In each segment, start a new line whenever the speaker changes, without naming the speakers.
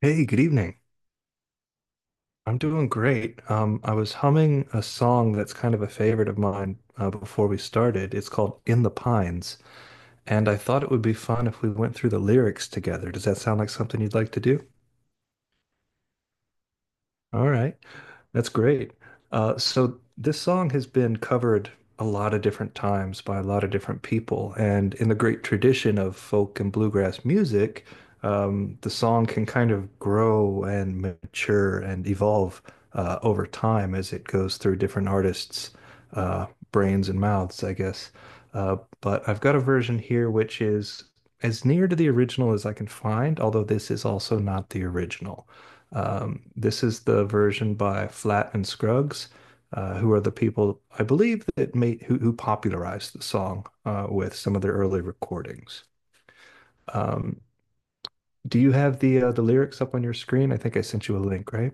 Hey, good evening. I'm doing great. I was humming a song that's kind of a favorite of mine before we started. It's called In the Pines, and I thought it would be fun if we went through the lyrics together. Does that sound like something you'd like to do? All right. That's great. So this song has been covered a lot of different times by a lot of different people, and in the great tradition of folk and bluegrass music, the song can kind of grow and mature and evolve over time as it goes through different artists' brains and mouths, I guess. But I've got a version here which is as near to the original as I can find, although this is also not the original. This is the version by Flat and Scruggs, who are the people I believe that who popularized the song with some of their early recordings. Um, do you have the lyrics up on your screen? I think I sent you a link, right?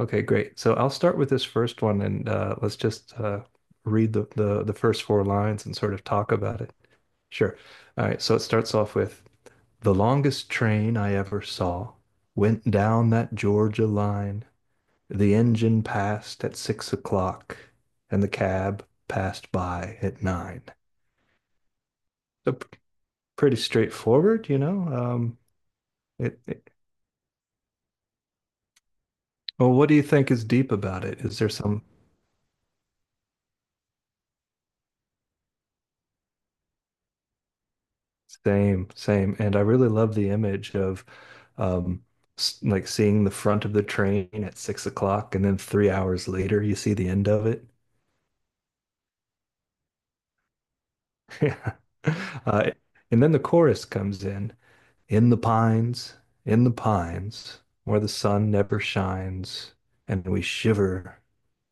Okay, great. So I'll start with this first one, and let's just read the first four lines and sort of talk about it. Sure. All right. So it starts off with the longest train I ever saw went down that Georgia line. The engine passed at 6 o'clock, and the cab passed by at nine. So pretty straightforward. It, it- well, what do you think is deep about it? Is there some same, same? And I really love the image of um, like seeing the front of the train at 6 o'clock, and then 3 hours later you see the end of it. Yeah. Uh, and then the chorus comes in. In the pines, in the pines, where the sun never shines, and we shiver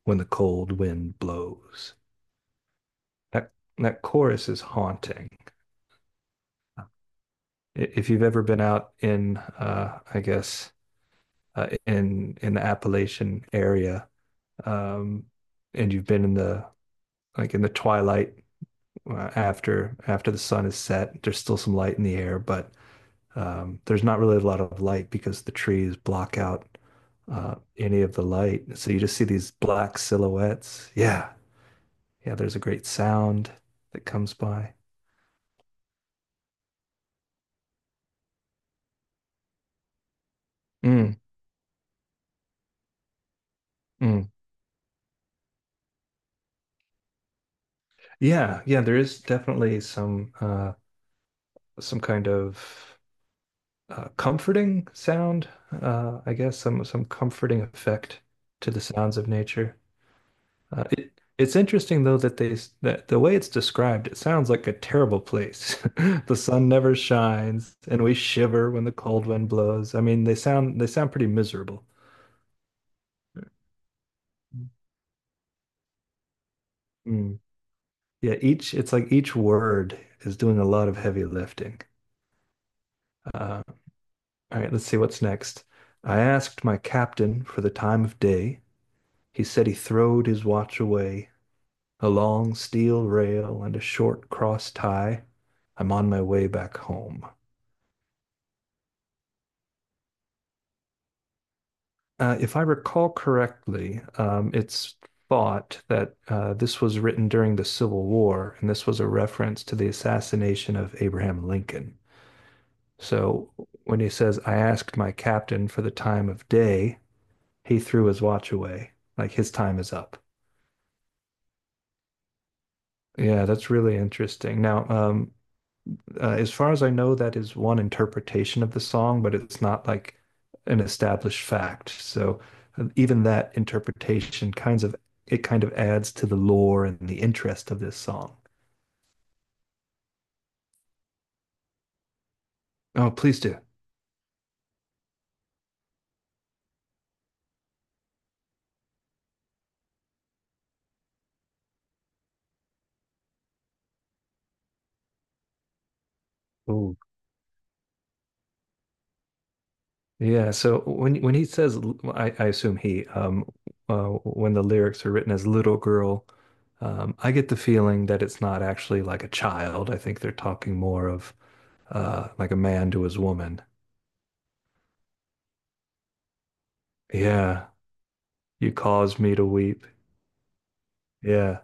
when the cold wind blows. That chorus is haunting. If you've ever been out in, I guess, in the Appalachian area, um, and you've been in the like in the twilight after the sun has set, there's still some light in the air, but there's not really a lot of light because the trees block out any of the light. So you just see these black silhouettes. Yeah. Yeah. There's a great sound that comes by. Mm, mm. Yeah. Yeah. There is definitely some kind of comforting sound, I guess, some comforting effect to the sounds of nature. Uh, it it's interesting though that the way it's described, it sounds like a terrible place. The sun never shines, and we shiver when the cold wind blows. I mean, they sound pretty miserable. Mm. Yeah, each it's like each word is doing a lot of heavy lifting. Uh, all right, let's see what's next. I asked my captain for the time of day. He said he throwed his watch away, a long steel rail and a short cross tie. I'm on my way back home. If I recall correctly, it's thought that this was written during the Civil War, and this was a reference to the assassination of Abraham Lincoln. So when he says, I asked my captain for the time of day, he threw his watch away, like his time is up. Yeah, that's really interesting. Now, as far as I know, that is one interpretation of the song, but it's not like an established fact. So even that interpretation kinds of it kind of adds to the lore and the interest of this song. Oh, please do. Ooh. Yeah, so when he says, I assume when the lyrics are written as little girl, I get the feeling that it's not actually like a child. I think they're talking more of like a man to his woman. Yeah, you caused me to weep. Yeah.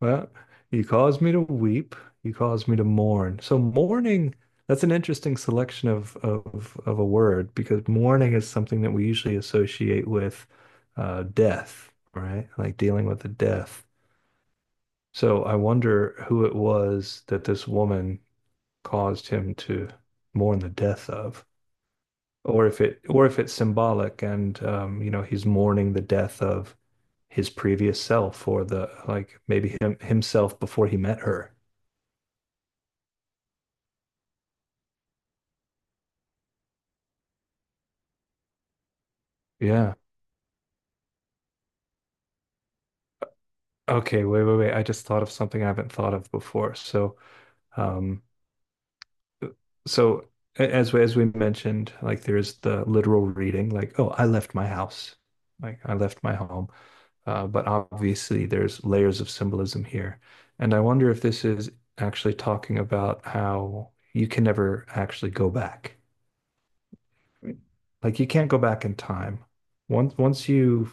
Well, you caused me to weep. You caused me to mourn. So mourning, that's an interesting selection of a word because mourning is something that we usually associate with death, right? Like dealing with the death. So I wonder who it was that this woman caused him to mourn the death of, or if it's symbolic and he's mourning the death of his previous self or the like maybe him himself before he met her. Yeah. Okay, wait, wait, wait. I just thought of something I haven't thought of before. Um, So as we mentioned, like there is the literal reading, like, oh, I left my house, like I left my home. But obviously there's layers of symbolism here. And I wonder if this is actually talking about how you can never actually go back. Like you can't go back in time. Once you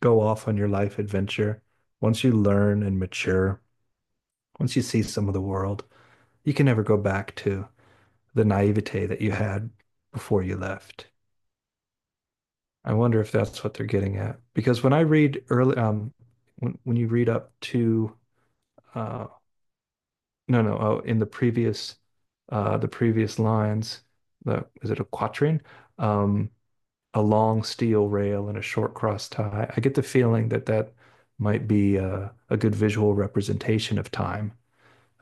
go off on your life adventure, once you learn and mature, once you see some of the world, you can never go back to the naivete that you had before you left. I wonder if that's what they're getting at. Because when you read up to uh, no no oh in the previous lines, the is it a quatrain? Um, a long steel rail and a short cross tie. I get the feeling that that might be a good visual representation of time.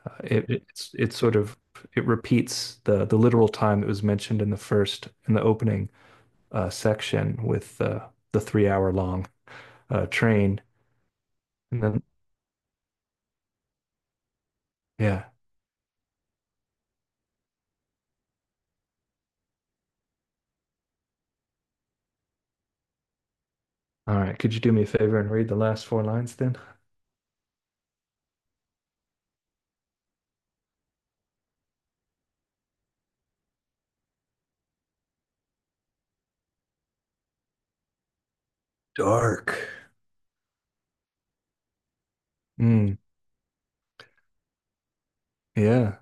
It, it's sort of It repeats the literal time that was mentioned in the opening section with the 3-hour long train. And then, yeah. All right. Could you do me a favor and read the last four lines then? Dark. Mm, yeah.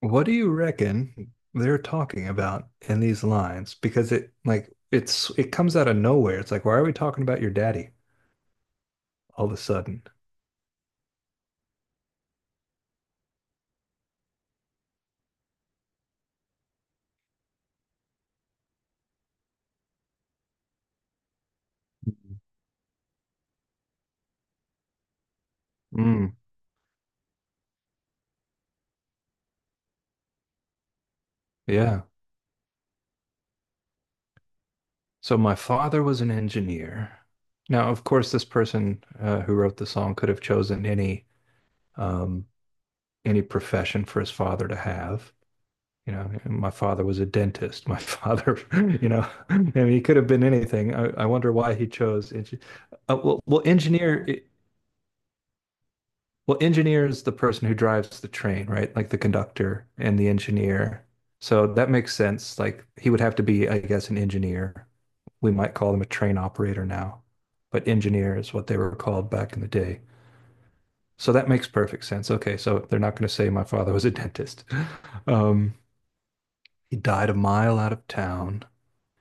What do you reckon they're talking about in these lines? Because it like it's it comes out of nowhere. It's like, why are we talking about your daddy all of a sudden? Mm, yeah. So my father was an engineer. Now, of course, this person who wrote the song could have chosen any um, any profession for his father to have. You know, my father was a dentist. My father, I mean, he could have been anything. I wonder why he chose. Uh, well, well, engineer. eh, Well, engineer is the person who drives the train, right? Like the conductor and the engineer. So that makes sense. Like he would have to be, I guess, an engineer. We might call them a train operator now, but engineer is what they were called back in the day. So that makes perfect sense. Okay, so they're not going to say my father was a dentist. Um, He died a mile out of town.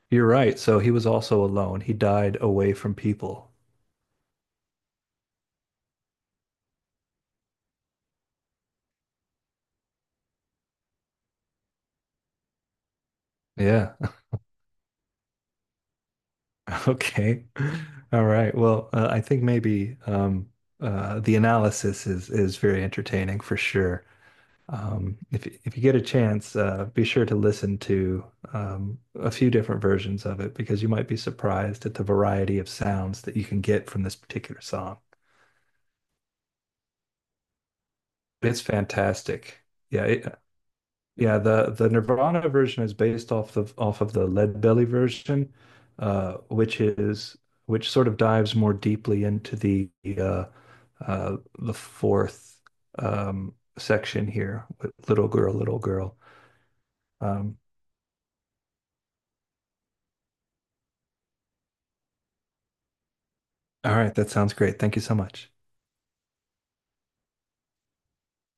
You're right. So he was also alone. He died away from people. Yeah. Okay. All right. Well, I think maybe the analysis is very entertaining for sure. If you get a chance, be sure to listen to a few different versions of it because you might be surprised at the variety of sounds that you can get from this particular song. It's fantastic. Yeah, it, Yeah, the Nirvana version is based off of the Leadbelly version, uh, which is which sort of dives more deeply into uh, the fourth section here with Little Girl, Little Girl. Um, all right, that sounds great. Thank you so much.